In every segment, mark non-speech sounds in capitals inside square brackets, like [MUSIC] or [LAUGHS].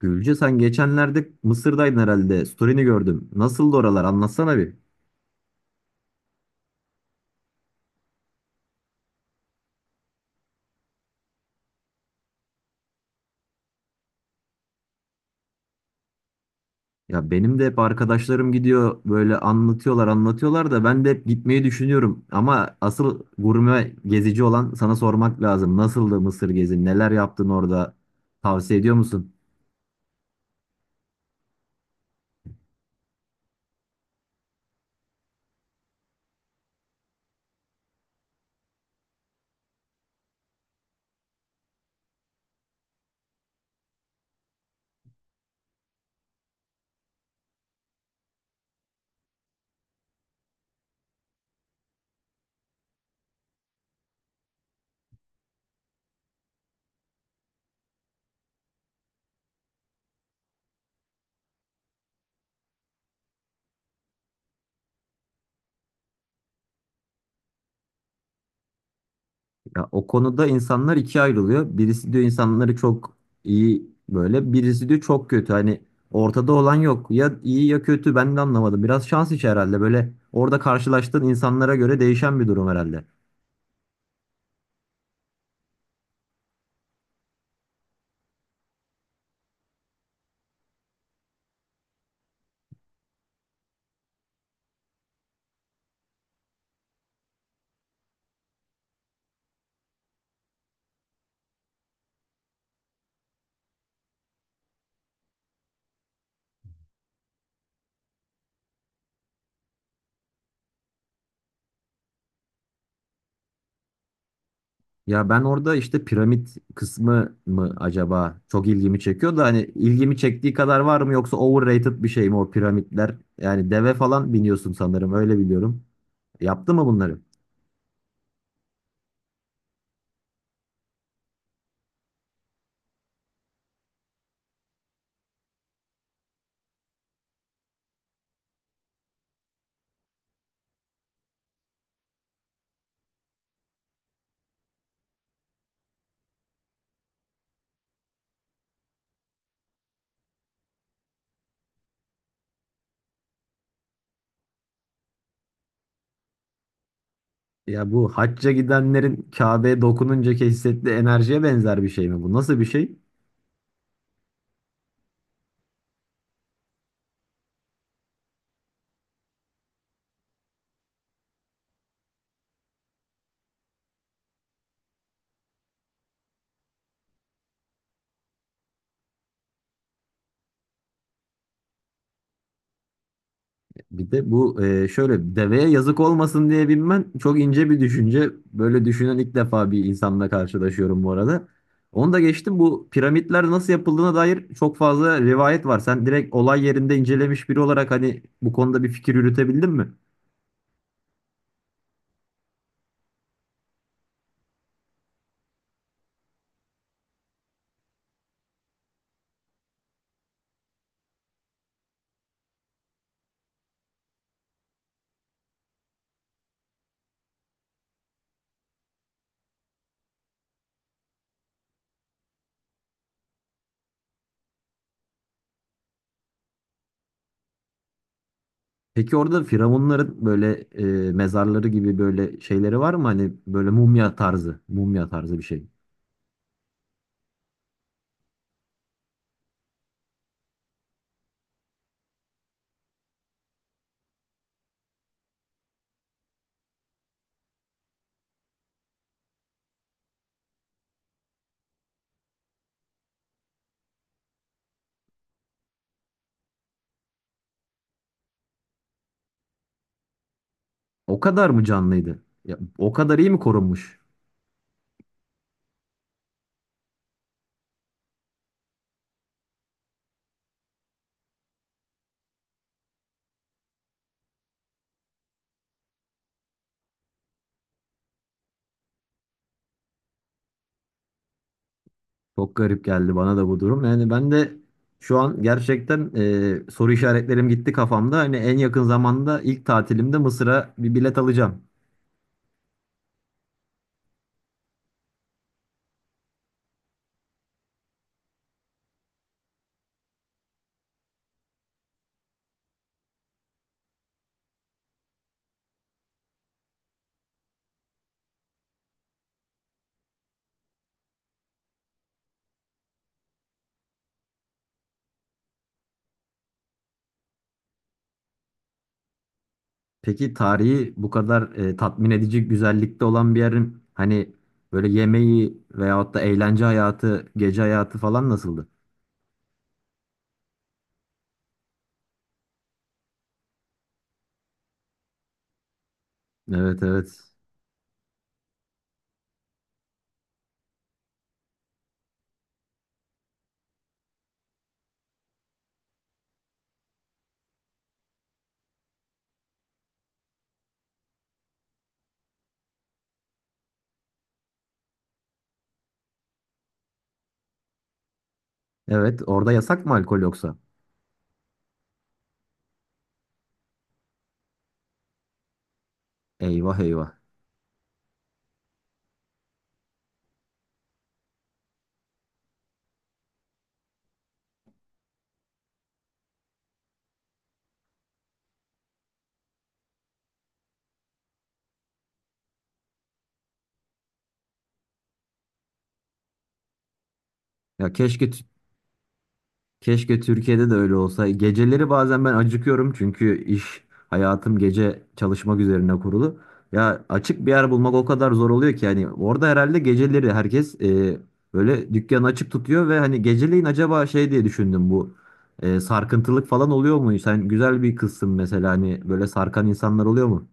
Gülce sen geçenlerde Mısır'daydın herhalde. Story'ni gördüm. Nasıldı oralar? Anlatsana bir. Ya benim de hep arkadaşlarım gidiyor böyle anlatıyorlar da ben de hep gitmeyi düşünüyorum. Ama asıl gurme gezici olan sana sormak lazım. Nasıldı Mısır gezin? Neler yaptın orada? Tavsiye ediyor musun? Ya o konuda insanlar ikiye ayrılıyor. Birisi diyor insanları çok iyi böyle, birisi diyor çok kötü. Hani ortada olan yok. Ya iyi ya kötü ben de anlamadım. Biraz şans işi herhalde. Böyle orada karşılaştığın insanlara göre değişen bir durum herhalde. Ya ben orada işte piramit kısmı mı acaba çok ilgimi çekiyor da hani ilgimi çektiği kadar var mı yoksa overrated bir şey mi o piramitler? Yani deve falan biniyorsun sanırım öyle biliyorum. Yaptı mı bunları? Ya bu hacca gidenlerin Kabe'ye dokununcaki hissettiği enerjiye benzer bir şey mi bu? Nasıl bir şey? Bir de bu şöyle deveye yazık olmasın diye binmen çok ince bir düşünce. Böyle düşünen ilk defa bir insanla karşılaşıyorum bu arada. Onu da geçtim, bu piramitler nasıl yapıldığına dair çok fazla rivayet var. Sen direkt olay yerinde incelemiş biri olarak hani bu konuda bir fikir yürütebildin mi? Peki orada firavunların böyle mezarları gibi böyle şeyleri var mı? Hani böyle mumya tarzı bir şey. O kadar mı canlıydı? Ya, o kadar iyi mi korunmuş? Çok garip geldi bana da bu durum. Yani ben de şu an gerçekten soru işaretlerim gitti kafamda. Hani en yakın zamanda ilk tatilimde Mısır'a bir bilet alacağım. Peki tarihi bu kadar tatmin edici güzellikte olan bir yerin hani böyle yemeği veyahut da eğlence hayatı, gece hayatı falan nasıldı? Evet, evet. Evet, orada yasak mı alkol yoksa? Eyvah, eyvah. Ya keşke t- Keşke Türkiye'de de öyle olsa. Geceleri bazen ben acıkıyorum çünkü iş hayatım gece çalışmak üzerine kurulu. Ya açık bir yer bulmak o kadar zor oluyor ki yani orada herhalde geceleri herkes böyle dükkanı açık tutuyor ve hani geceleyin acaba şey diye düşündüm, bu sarkıntılık falan oluyor mu? Sen güzel bir kızsın mesela, hani böyle sarkan insanlar oluyor mu?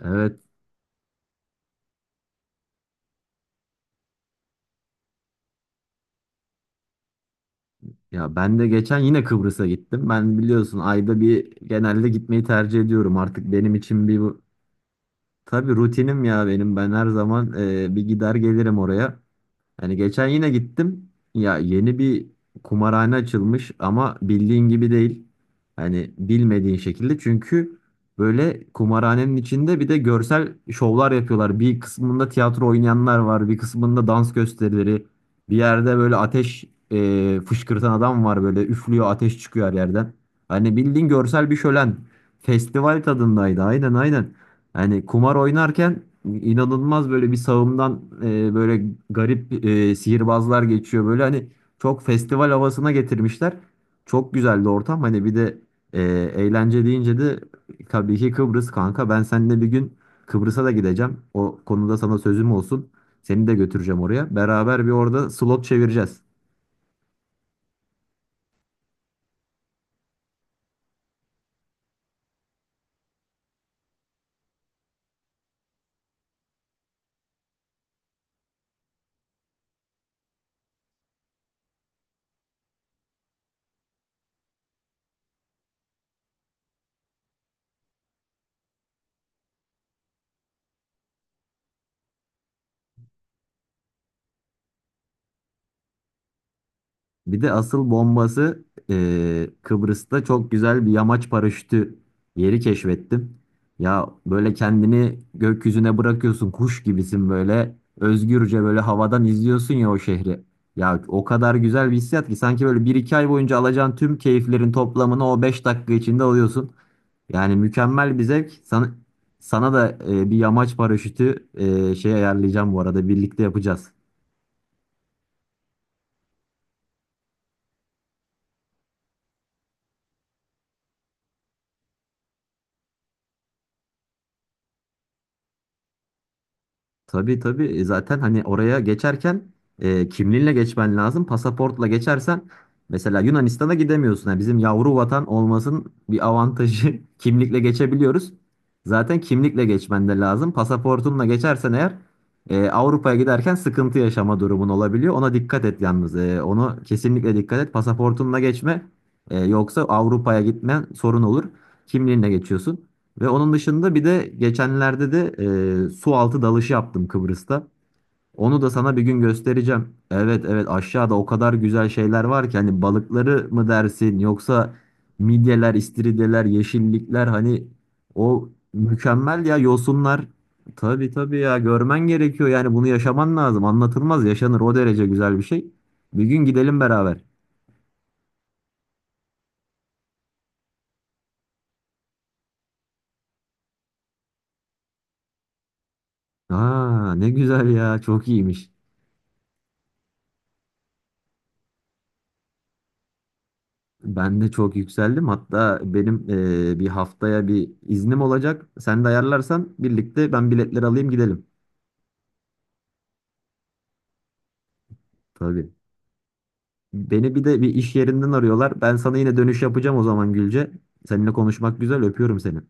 Evet, ya ben de geçen yine Kıbrıs'a gittim. Ben biliyorsun ayda bir genelde gitmeyi tercih ediyorum. Artık benim için bir tabii rutinim ya benim. Ben her zaman bir gider gelirim oraya. Hani geçen yine gittim. Ya yeni bir kumarhane açılmış ama bildiğin gibi değil. Hani bilmediğin şekilde. Çünkü böyle kumarhanenin içinde bir de görsel şovlar yapıyorlar. Bir kısmında tiyatro oynayanlar var. Bir kısmında dans gösterileri. Bir yerde böyle ateş fışkırtan adam var böyle. Üflüyor, ateş çıkıyor her yerden. Hani bildiğin görsel bir şölen. Festival tadındaydı. Aynen, aynen. Yani kumar oynarken inanılmaz böyle bir sağımdan böyle garip sihirbazlar geçiyor. Böyle hani çok festival havasına getirmişler. Çok güzeldi ortam. Hani bir de e, eğlence deyince de tabii ki Kıbrıs kanka. Ben seninle bir gün Kıbrıs'a da gideceğim. O konuda sana sözüm olsun. Seni de götüreceğim oraya. Beraber bir orada slot çevireceğiz. Bir de asıl bombası, Kıbrıs'ta çok güzel bir yamaç paraşütü yeri keşfettim. Ya böyle kendini gökyüzüne bırakıyorsun, kuş gibisin, böyle özgürce böyle havadan izliyorsun ya o şehri. Ya o kadar güzel bir hissiyat ki sanki böyle bir iki ay boyunca alacağın tüm keyiflerin toplamını o 5 dakika içinde alıyorsun. Yani mükemmel bir zevk. Sana da bir yamaç paraşütü şey ayarlayacağım, bu arada birlikte yapacağız. Tabii, tabii. Zaten hani oraya geçerken kimliğinle geçmen lazım. Pasaportla geçersen mesela Yunanistan'a gidemiyorsun. Yani bizim yavru vatan olmasının bir avantajı [LAUGHS] kimlikle geçebiliyoruz. Zaten kimlikle geçmen de lazım. Pasaportunla geçersen eğer Avrupa'ya giderken sıkıntı yaşama durumun olabiliyor. Ona dikkat et yalnız. Onu kesinlikle dikkat et. Pasaportunla geçme. Yoksa Avrupa'ya gitmen sorun olur. Kimliğinle geçiyorsun. Ve onun dışında bir de geçenlerde de su altı dalışı yaptım Kıbrıs'ta. Onu da sana bir gün göstereceğim. Evet, evet, aşağıda o kadar güzel şeyler var ki, hani balıkları mı dersin yoksa midyeler, istiridyeler, yeşillikler, hani o mükemmel ya, yosunlar. Tabii, tabii ya, görmen gerekiyor yani bunu yaşaman lazım. Anlatılmaz yaşanır, o derece güzel bir şey. Bir gün gidelim beraber. Aa ne güzel ya, çok iyiymiş. Ben de çok yükseldim. Hatta benim bir haftaya bir iznim olacak. Sen de ayarlarsan birlikte ben biletleri alayım, gidelim. Tabii. Beni bir de bir iş yerinden arıyorlar. Ben sana yine dönüş yapacağım o zaman Gülce. Seninle konuşmak güzel. Öpüyorum seni.